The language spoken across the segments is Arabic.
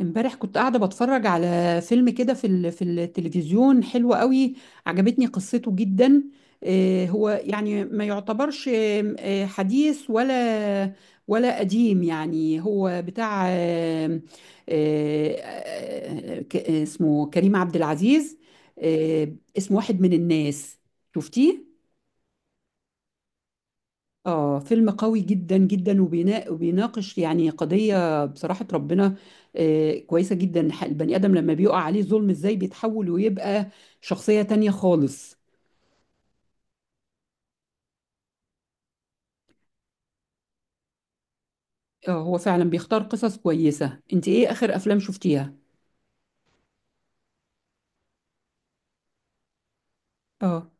امبارح كنت قاعدة بتفرج على فيلم كده في التلفزيون حلو قوي. عجبتني قصته جدا. هو يعني ما يعتبرش آم، آه، حديث ولا قديم. يعني هو بتاع آم، آه، آه، ك- اسمه كريم عبد العزيز. آه، اسمه واحد من الناس. شفتيه؟ آه، فيلم قوي جدا جدا وبيناقش يعني قضية. بصراحة ربنا كويسة جدا. البني آدم لما بيقع عليه ظلم إزاي بيتحول ويبقى شخصية تانية خالص. آه، هو فعلا بيختار قصص كويسة. أنت إيه آخر أفلام شفتيها؟ آه،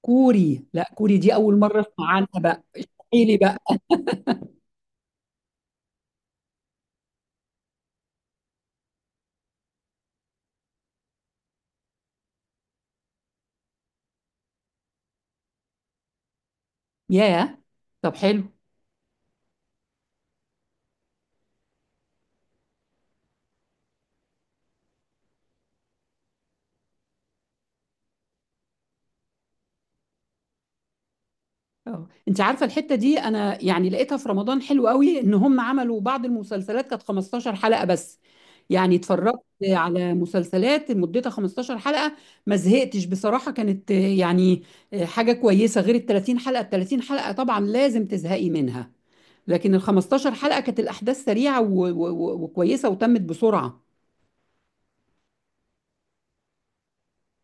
كوري؟ لا، كوري دي أول مرة أسمع عنها بقى. إيه لي بقى؟ ياه، طب حلو. اه، انت عارفه الحته دي انا يعني لقيتها في رمضان حلو قوي ان هم عملوا بعض المسلسلات كانت 15 حلقه بس. يعني اتفرجت على مسلسلات مدتها 15 حلقه، ما زهقتش بصراحه. كانت يعني حاجه كويسه. غير ال 30 حلقه، ال 30 حلقه طبعا لازم تزهقي منها. لكن ال 15 حلقه كانت الاحداث سريعه وكويسه وتمت بسرعه.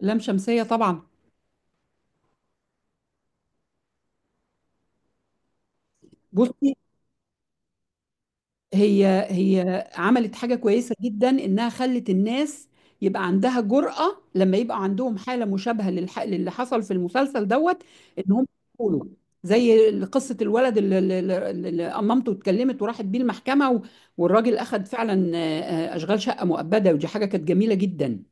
لام شمسيه طبعا. بصي، هي هي عملت حاجة كويسة جدا، إنها خلت الناس يبقى عندها جرأة لما يبقى عندهم حالة مشابهة للي حصل في المسلسل دوت. إن هم يقولوا، زي قصة الولد اللي أمامته اتكلمت وراحت بيه المحكمة. والراجل أخد فعلا أشغال شقة مؤبدة، ودي حاجة كانت جميلة جدا.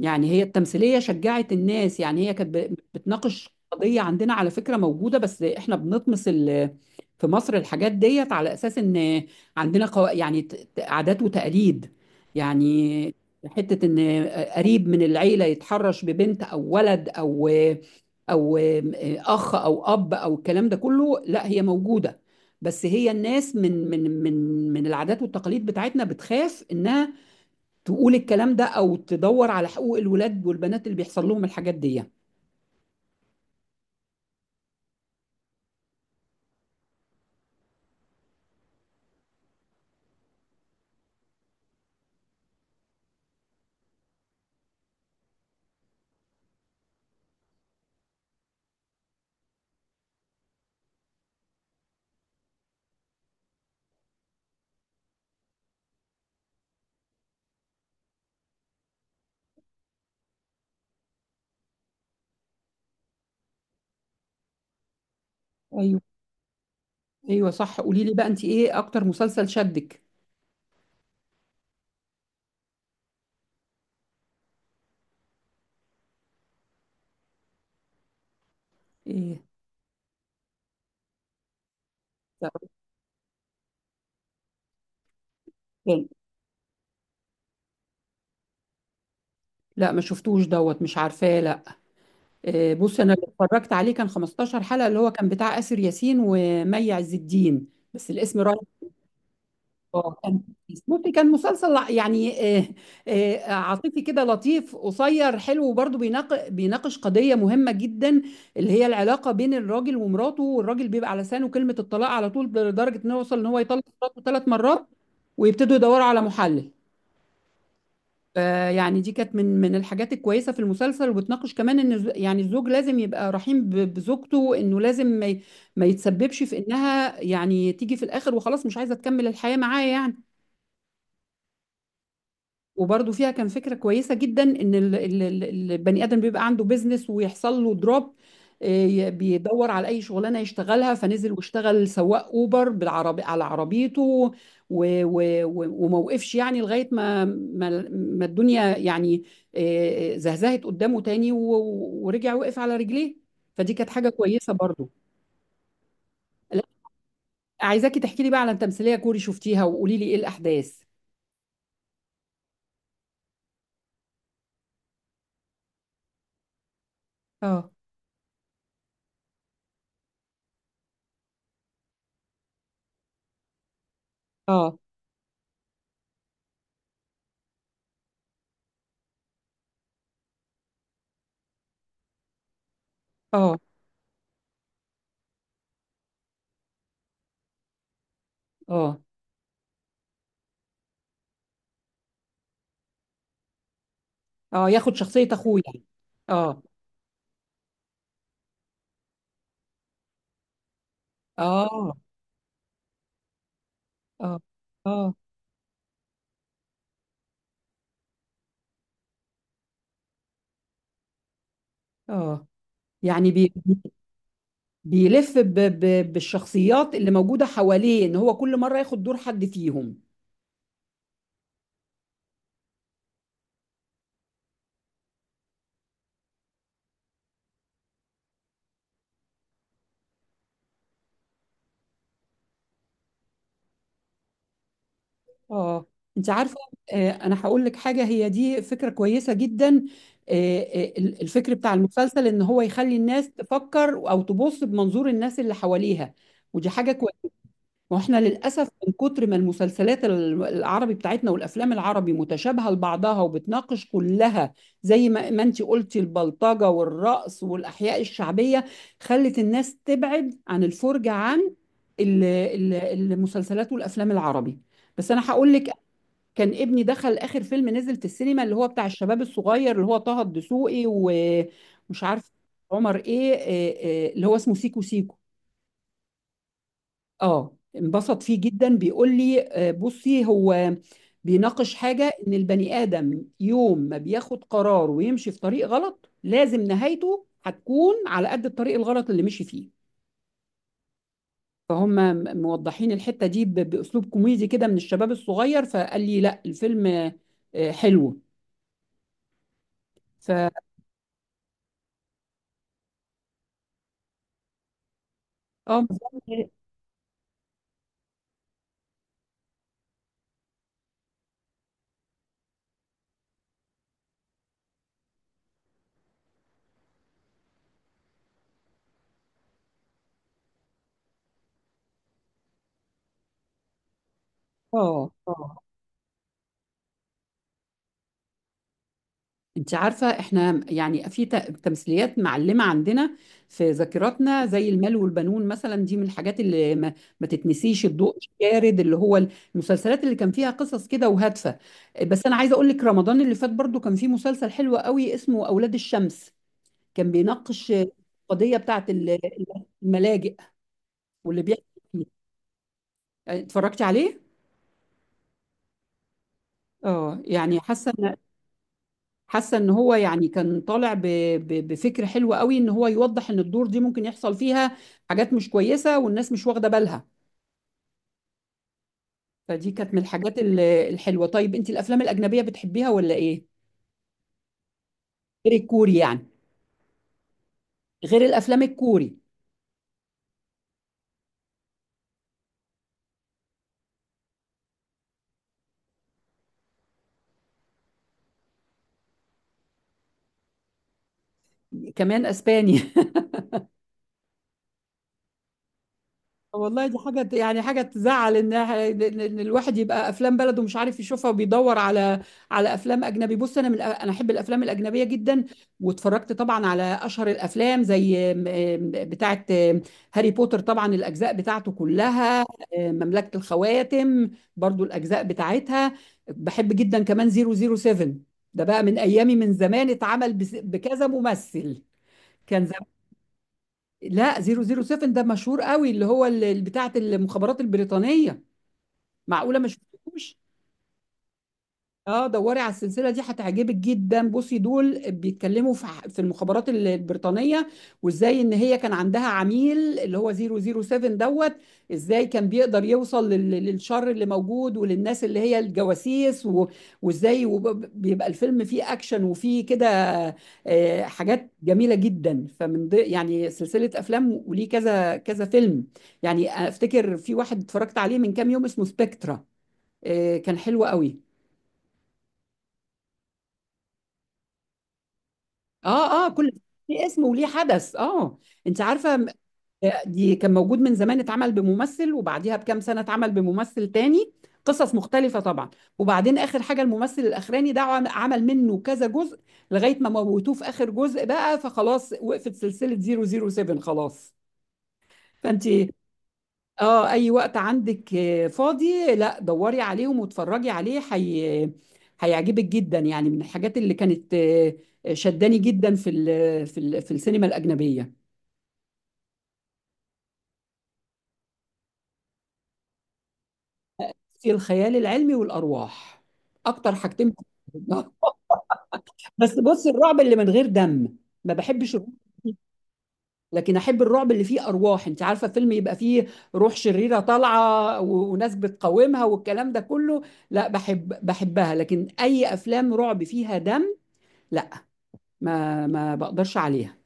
يعني هي التمثيلية شجعت الناس. يعني هي كانت بتناقش قضية عندنا على فكرة موجودة، بس احنا بنطمس في مصر الحاجات ديت، على أساس إن عندنا قو... يعني ت- ت- عادات وتقاليد. يعني حتة إن قريب من العيلة يتحرش ببنت أو ولد أو أو أخ أو أب أو الكلام ده كله، لا هي موجودة. بس هي الناس من العادات والتقاليد بتاعتنا بتخاف إنها تقول الكلام ده او تدور على حقوق الولاد والبنات اللي بيحصل لهم الحاجات دي. ايوه، ايوه، صح. قولي لي بقى، انت ايه اكتر مسلسل شدك؟ ايه؟ كان- لا ما شفتوش دوت، مش عارفاه، لا. إيه، بص، انا اللي اتفرجت عليه كان 15 حلقة، اللي هو كان بتاع آسر ياسين ومي عز الدين. بس الاسم. اه، كان كويس. بصي، كان مسلسل يعني عاطفي كده، لطيف، قصير، حلو، وبرضه بيناقش قضية مهمة جدا، اللي هي العلاقة بين الراجل ومراته، والراجل بيبقى على لسانه كلمة الطلاق على طول، لدرجة انه يوصل ان هو يطلق مراته 3 مرات ويبتدوا يدوروا على محلل. فيعني دي كانت من من الحاجات الكويسة في المسلسل، وبتناقش كمان ان يعني الزوج لازم يبقى رحيم بزوجته، انه لازم ما يتسببش في انها يعني تيجي في الاخر وخلاص مش عايزة تكمل الحياة معاه يعني. وبرضو فيها كان فكرة كويسة جدا، ان البني ادم بيبقى عنده بيزنس ويحصل له دروب، بيدور على اي شغلانه يشتغلها، فنزل واشتغل سواق اوبر بالعربي على عربيته. وموقفش، يعني لغايه ما ما, ما الدنيا يعني زهزهت قدامه تاني، ورجع وقف على رجليه. فدي كانت حاجه كويسه برضو. لا، عايزاكي تحكي لي بقى على تمثيليه كوري شفتيها، وقولي لي ايه الاحداث. اه. اه. اه. اه. اه، ياخد شخصية اخوه يعني. اه. اه. اه. اه. اه، يعني بيلف ب ب بالشخصيات اللي موجودة حواليه، ان هو كل مرة ياخد دور حد فيهم. اه. انت عارفة، آه، انا هقول لك حاجة، هي دي فكرة كويسة جدا. الفكر بتاع المسلسل ان هو يخلي الناس تفكر او تبص بمنظور الناس اللي حواليها. ودي حاجة كويسة. واحنا للاسف من كتر ما المسلسلات العربي بتاعتنا والافلام العربي متشابهه لبعضها، وبتناقش كلها زي ما ما انت قلتي، البلطجه والرقص والاحياء الشعبيه، خلت الناس تبعد عن الفرجه عن ال- ال- المسلسلات والافلام العربي. بس انا هقول لك، كان ابني دخل اخر فيلم نزل في السينما، اللي هو بتاع الشباب الصغير اللي هو طه الدسوقي ومش عارف عمر ايه، إيه- إيه، اللي هو اسمه سيكو سيكو. اه، انبسط فيه جدا، بيقول لي، بصي، هو بيناقش حاجة ان البني آدم يوم ما بياخد قرار ويمشي في طريق غلط لازم نهايته هتكون على قد الطريق الغلط اللي مشي فيه. فهم موضحين الحتة دي بأسلوب كوميدي كده من الشباب الصغير. فقال لي لا، الفيلم حلو. ف اه اه آه. انت عارفة، احنا يعني في تمثيليات معلمة عندنا في ذاكرتنا، زي المال والبنون مثلا، دي من الحاجات اللي ما, ما تتنسيش. الضوء الشارد اللي هو المسلسلات اللي كان فيها قصص كده وهادفة. بس انا عايزة اقول لك، رمضان اللي فات برضو كان فيه مسلسل حلو قوي اسمه اولاد الشمس، كان بيناقش القضية بتاعت الملاجئ واللي بيحكي فيه. اتفرجتي عليه؟ اه، يعني حاسة، حاسه ان هو يعني كان طالع بفكر حلو قوي، ان هو يوضح ان الدور دي ممكن يحصل فيها حاجات مش كويسه والناس مش واخده بالها. فدي كانت من الحاجات الحلوه. طيب انت الافلام الاجنبيه بتحبيها ولا ايه؟ غير الكوري يعني. غير الافلام الكوري. كمان اسباني؟ والله دي حاجة، يعني حاجة تزعل، إن الواحد يبقى أفلام بلده مش عارف يشوفها وبيدور على أفلام أجنبي. بص، أنا من أنا أحب الأفلام الأجنبية جدا، واتفرجت طبعا على أشهر الأفلام زي بتاعة هاري بوتر طبعا الأجزاء بتاعته كلها، مملكة الخواتم برضو الأجزاء بتاعتها بحب جدا كمان، 007، ده بقى من أيامي من زمان، اتعمل بكذا ممثل. كان لا، 007 ده مشهور قوي، اللي هو بتاعه المخابرات البريطانية. معقولة ما شفتوش؟ اه، دوري على السلسله دي هتعجبك جدا. بصي دول بيتكلموا في في المخابرات البريطانيه، وازاي ان هي كان عندها عميل اللي هو 007 دوت. ازاي كان بيقدر يوصل للشر اللي موجود وللناس اللي هي الجواسيس، و- وازاي بيبقى الفيلم فيه اكشن وفيه كده، حاجات جميله جدا. فمن يعني سلسله افلام وليه كذا كذا فيلم. يعني افتكر في واحد اتفرجت عليه من كام يوم اسمه سبكترا، كان حلو قوي. اه. اه. كل في اسم وليه حدث. اه. انت عارفه آه، دي كان موجود من زمان اتعمل بممثل، وبعديها بكام سنه اتعمل بممثل تاني، قصص مختلفه طبعا. وبعدين اخر حاجه الممثل الاخراني ده عمل منه كذا جزء لغايه ما موتوه في اخر جزء بقى، فخلاص وقفت سلسله 007 خلاص. فانت اه اي وقت عندك فاضي لا دوري عليهم واتفرجي عليه هيعجبك جدا. يعني من الحاجات اللي كانت شداني جدا في السينما الأجنبية. في الخيال العلمي والأرواح اكتر حاجتين، بحبهم. بس بص، الرعب اللي من غير دم ما بحبش الرعب، لكن احب الرعب اللي فيه ارواح. انت عارفه فيلم يبقى فيه روح شريره طالعه و... وناس بتقاومها والكلام ده كله، لا بحبها. لكن اي افلام رعب فيها دم لا، ما ما بقدرش عليها.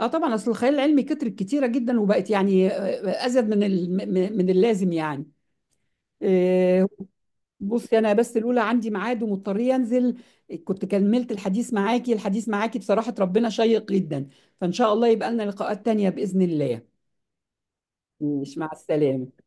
اه، طبعا اصل الخيال العلمي كترت كتيره جدا، وبقت يعني آه، ازيد من اللازم يعني آه، بصي انا بس الاولى عندي ميعاد ومضطريه انزل. كنت كملت الحديث معاكي، الحديث معاكي بصراحه ربنا شيق جدا، فان شاء الله يبقى لنا لقاءات تانية باذن الله. مش مع السلامه.